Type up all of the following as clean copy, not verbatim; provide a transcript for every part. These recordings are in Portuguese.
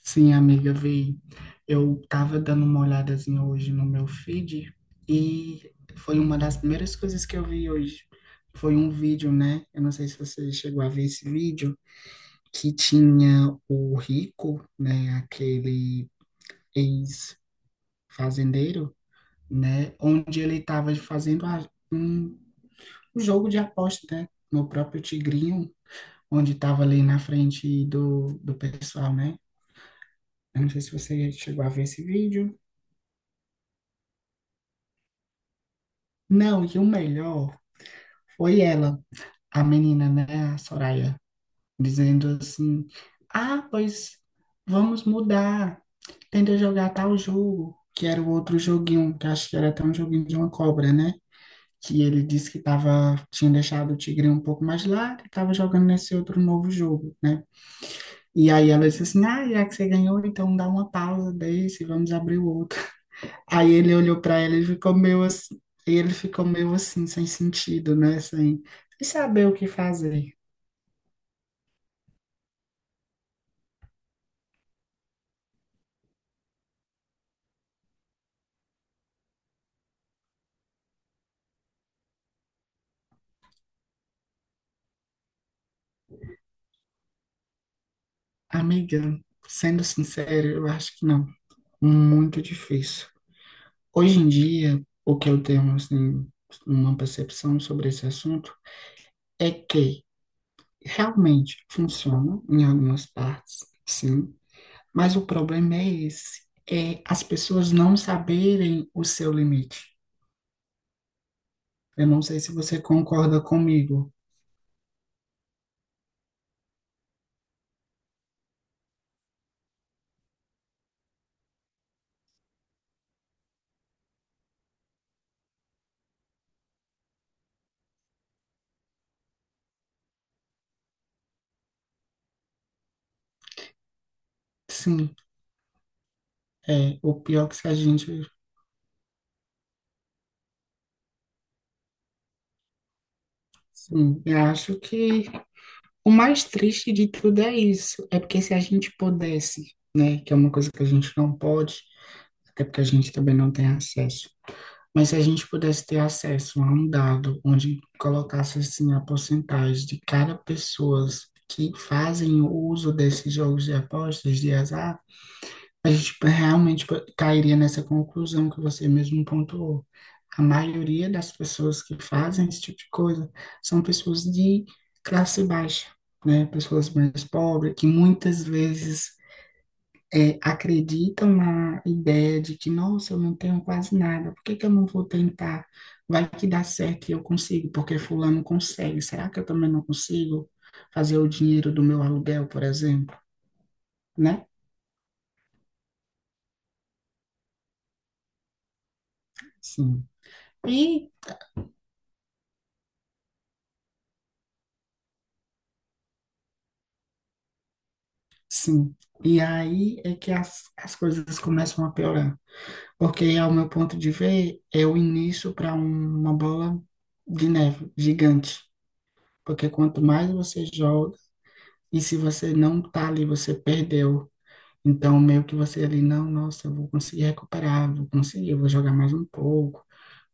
Sim, amiga, vi. Eu tava dando uma olhadazinha hoje no meu feed e foi uma das primeiras coisas que eu vi hoje. Foi um vídeo, né? Eu não sei se você chegou a ver esse vídeo, que tinha o Rico, né? Aquele ex-fazendeiro, né? Onde ele tava fazendo um jogo de aposta, né? No próprio Tigrinho, onde tava ali na frente do pessoal, né? Eu não sei se você chegou a ver esse vídeo. Não, e o melhor foi ela, a menina, né, a Soraya, dizendo assim: Ah, pois vamos mudar, tenta jogar tal jogo, que era o outro joguinho, que acho que era até um joguinho de uma cobra, né? Que ele disse que tava, tinha deixado o tigre um pouco mais lá, que tava jogando nesse outro novo jogo, né? E aí ela disse assim: Ah, já que você ganhou, então dá uma pausa desse, vamos abrir o outro. Aí ele olhou pra ela e ficou meio assim, ele ficou meio assim, sem sentido, né? Sem saber o que fazer. Amiga, sendo sincero, eu acho que não. Muito difícil. Hoje em dia, o que eu tenho, assim, uma percepção sobre esse assunto é que realmente funciona em algumas partes, sim, mas o problema é esse, é as pessoas não saberem o seu limite. Eu não sei se você concorda comigo. Sim. É, o pior que se a gente. Sim, eu acho que o mais triste de tudo é isso. É porque se a gente pudesse, né, que é uma coisa que a gente não pode, até porque a gente também não tem acesso. Mas se a gente pudesse ter acesso a um dado onde colocasse assim a porcentagem de cada pessoas que fazem o uso desses jogos de apostas de azar, a gente tipo, realmente tipo, cairia nessa conclusão que você mesmo pontuou. A maioria das pessoas que fazem esse tipo de coisa são pessoas de classe baixa, né? Pessoas mais pobres, que muitas vezes acreditam na ideia de que, nossa, eu não tenho quase nada, por que que eu não vou tentar? Vai que dá certo e eu consigo, porque fulano consegue. Será que eu também não consigo fazer o dinheiro do meu aluguel, por exemplo, né? Sim. e Sim, e aí é que as coisas começam a piorar, porque, ao meu ponto de ver, é o início para uma bola de neve gigante, porque quanto mais você joga, e se você não tá ali, você perdeu. Então, meio que você ali, não, nossa, eu vou conseguir recuperar, vou conseguir, eu vou jogar mais um pouco.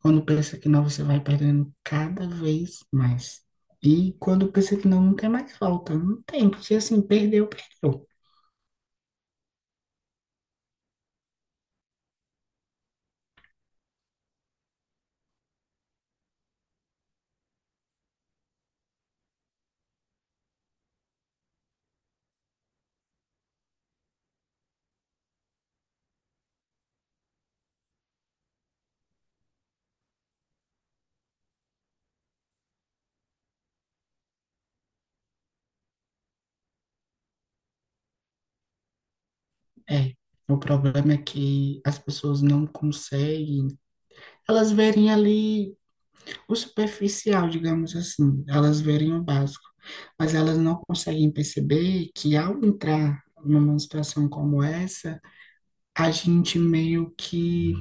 Quando pensa que não, você vai perdendo cada vez mais. E quando pensa que não, não tem mais falta, não tem, porque assim, perdeu, perdeu. É, o problema é que as pessoas não conseguem, elas verem ali o superficial, digamos assim, elas verem o básico, mas elas não conseguem perceber que ao entrar numa situação como essa, a gente meio que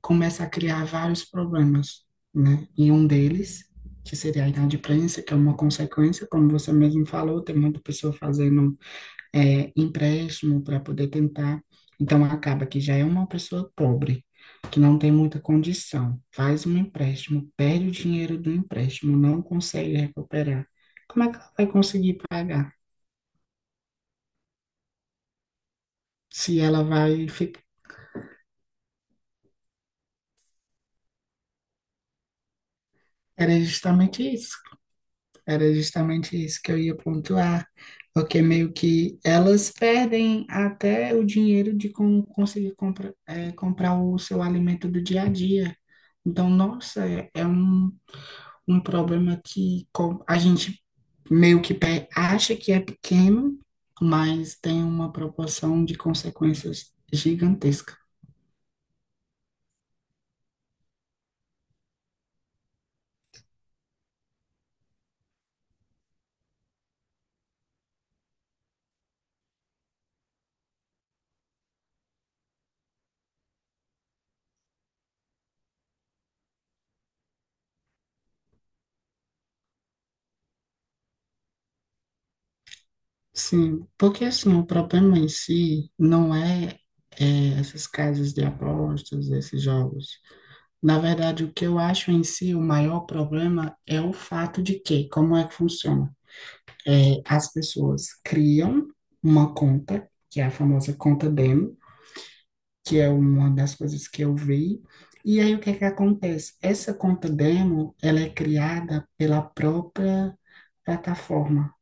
começa a criar vários problemas, né? E um deles, que seria a inadimplência, que é uma consequência, como você mesmo falou, tem muita pessoa fazendo empréstimo para poder tentar. Então, acaba que já é uma pessoa pobre, que não tem muita condição, faz um empréstimo, perde o dinheiro do empréstimo, não consegue recuperar. Como é que ela vai conseguir pagar? Se ela vai ficar. Era justamente isso. Era justamente isso que eu ia pontuar, porque meio que elas perdem até o dinheiro de como conseguir compra, comprar o seu alimento do dia a dia. Então, nossa, é um problema que a gente meio que acha que é pequeno, mas tem uma proporção de consequências gigantesca. Sim, porque assim, o problema em si não é, é essas casas de apostas, esses jogos. Na verdade, o que eu acho em si o maior problema é o fato de que, como é que funciona? As pessoas criam uma conta, que é a famosa conta demo, que é uma das coisas que eu vi. E aí o que é que acontece? Essa conta demo, ela é criada pela própria plataforma,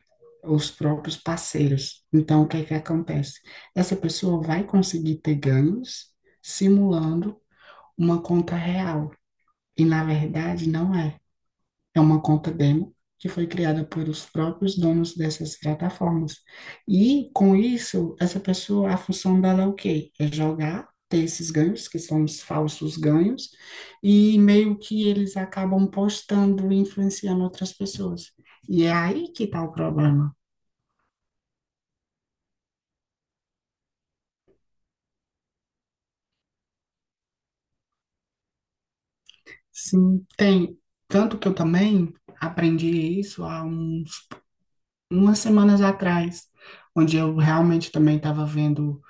os próprios parceiros. Então o que é que acontece? Essa pessoa vai conseguir ter ganhos simulando uma conta real. E na verdade não é. É uma conta demo que foi criada pelos próprios donos dessas plataformas. E com isso, essa pessoa, a função dela é o quê? É jogar, ter esses ganhos, que são os falsos ganhos, e meio que eles acabam postando e influenciando outras pessoas. E é aí que está o problema. Sim, tem. Tanto que eu também aprendi isso há umas semanas atrás, onde eu realmente também estava vendo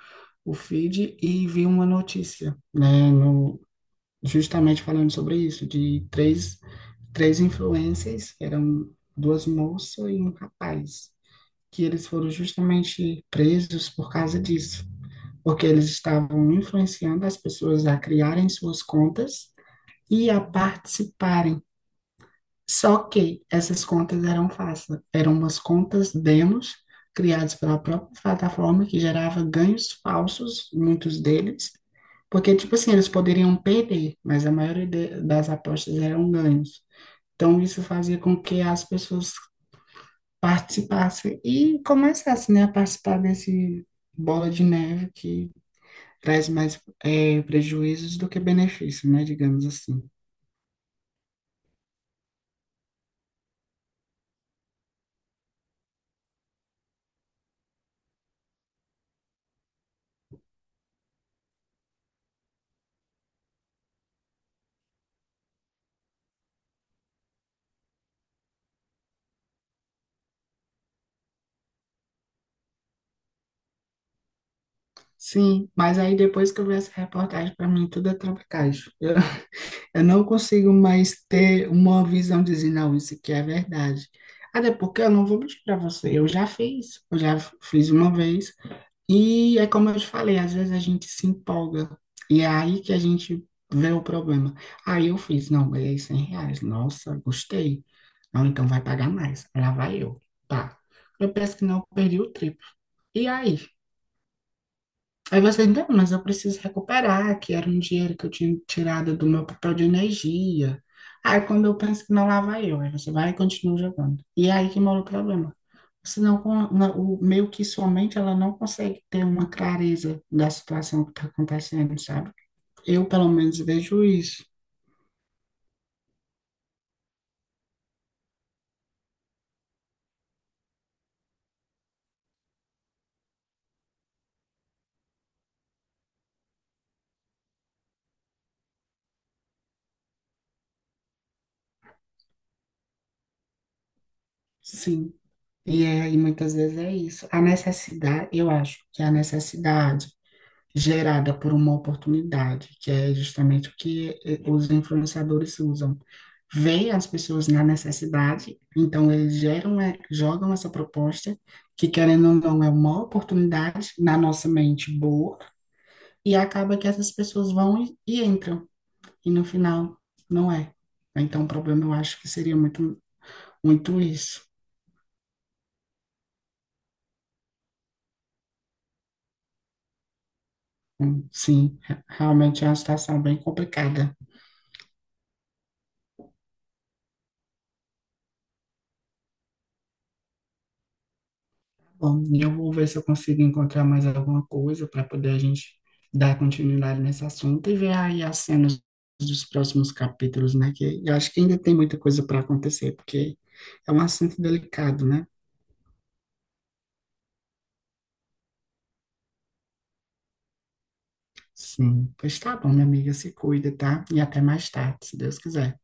o feed e vi uma notícia, né, no, justamente falando sobre isso, de três influencers, eram duas moças e um rapaz, que eles foram justamente presos por causa disso, porque eles estavam influenciando as pessoas a criarem suas contas e a participarem. Só que essas contas eram falsas, eram umas contas demos criadas pela própria plataforma que gerava ganhos falsos, muitos deles, porque, tipo assim, eles poderiam perder, mas a maioria das apostas eram ganhos. Então, isso fazia com que as pessoas participassem e começassem, né, a participar desse bola de neve que traz mais prejuízos do que benefícios, né, digamos assim. Sim, mas aí depois que eu vi essa reportagem, para mim tudo é trapicagem. Eu, eu não consigo mais ter uma visão de dizer, não, isso aqui é verdade. Até porque eu não vou mentir para você, eu já fiz, eu já fiz uma vez. E é como eu te falei, às vezes a gente se empolga. E é aí que a gente vê o problema. Aí eu fiz, não, ganhei R$ 100. Nossa, gostei. Não, então vai pagar mais. Lá vai eu. Pá. Eu penso que não, eu perdi o triplo. E aí? Aí você, não, mas eu preciso recuperar, que era um dinheiro que eu tinha tirado do meu papel de energia. Aí quando eu penso que não, lá vai eu. Aí você vai e continua jogando. E é aí que mora o problema. Senão, meio que sua mente, ela não consegue ter uma clareza da situação que está acontecendo, sabe? Eu, pelo menos, vejo isso, sim. E muitas vezes é isso. A necessidade, eu acho que a necessidade gerada por uma oportunidade, que é justamente o que os influenciadores usam. Veem as pessoas na necessidade, então eles geram, jogam essa proposta, que querendo ou não é uma oportunidade na nossa mente boa, e acaba que essas pessoas vão e entram, e no final não é. Então, o problema eu acho que seria muito, muito isso. Sim, realmente é uma situação bem complicada. Bom, e eu vou ver se eu consigo encontrar mais alguma coisa para poder a gente dar continuidade nesse assunto e ver aí as cenas dos próximos capítulos, né? Que eu acho que ainda tem muita coisa para acontecer, porque é um assunto delicado, né? Sim, pois tá bom, minha amiga, se cuida, tá? E até mais tarde, se Deus quiser.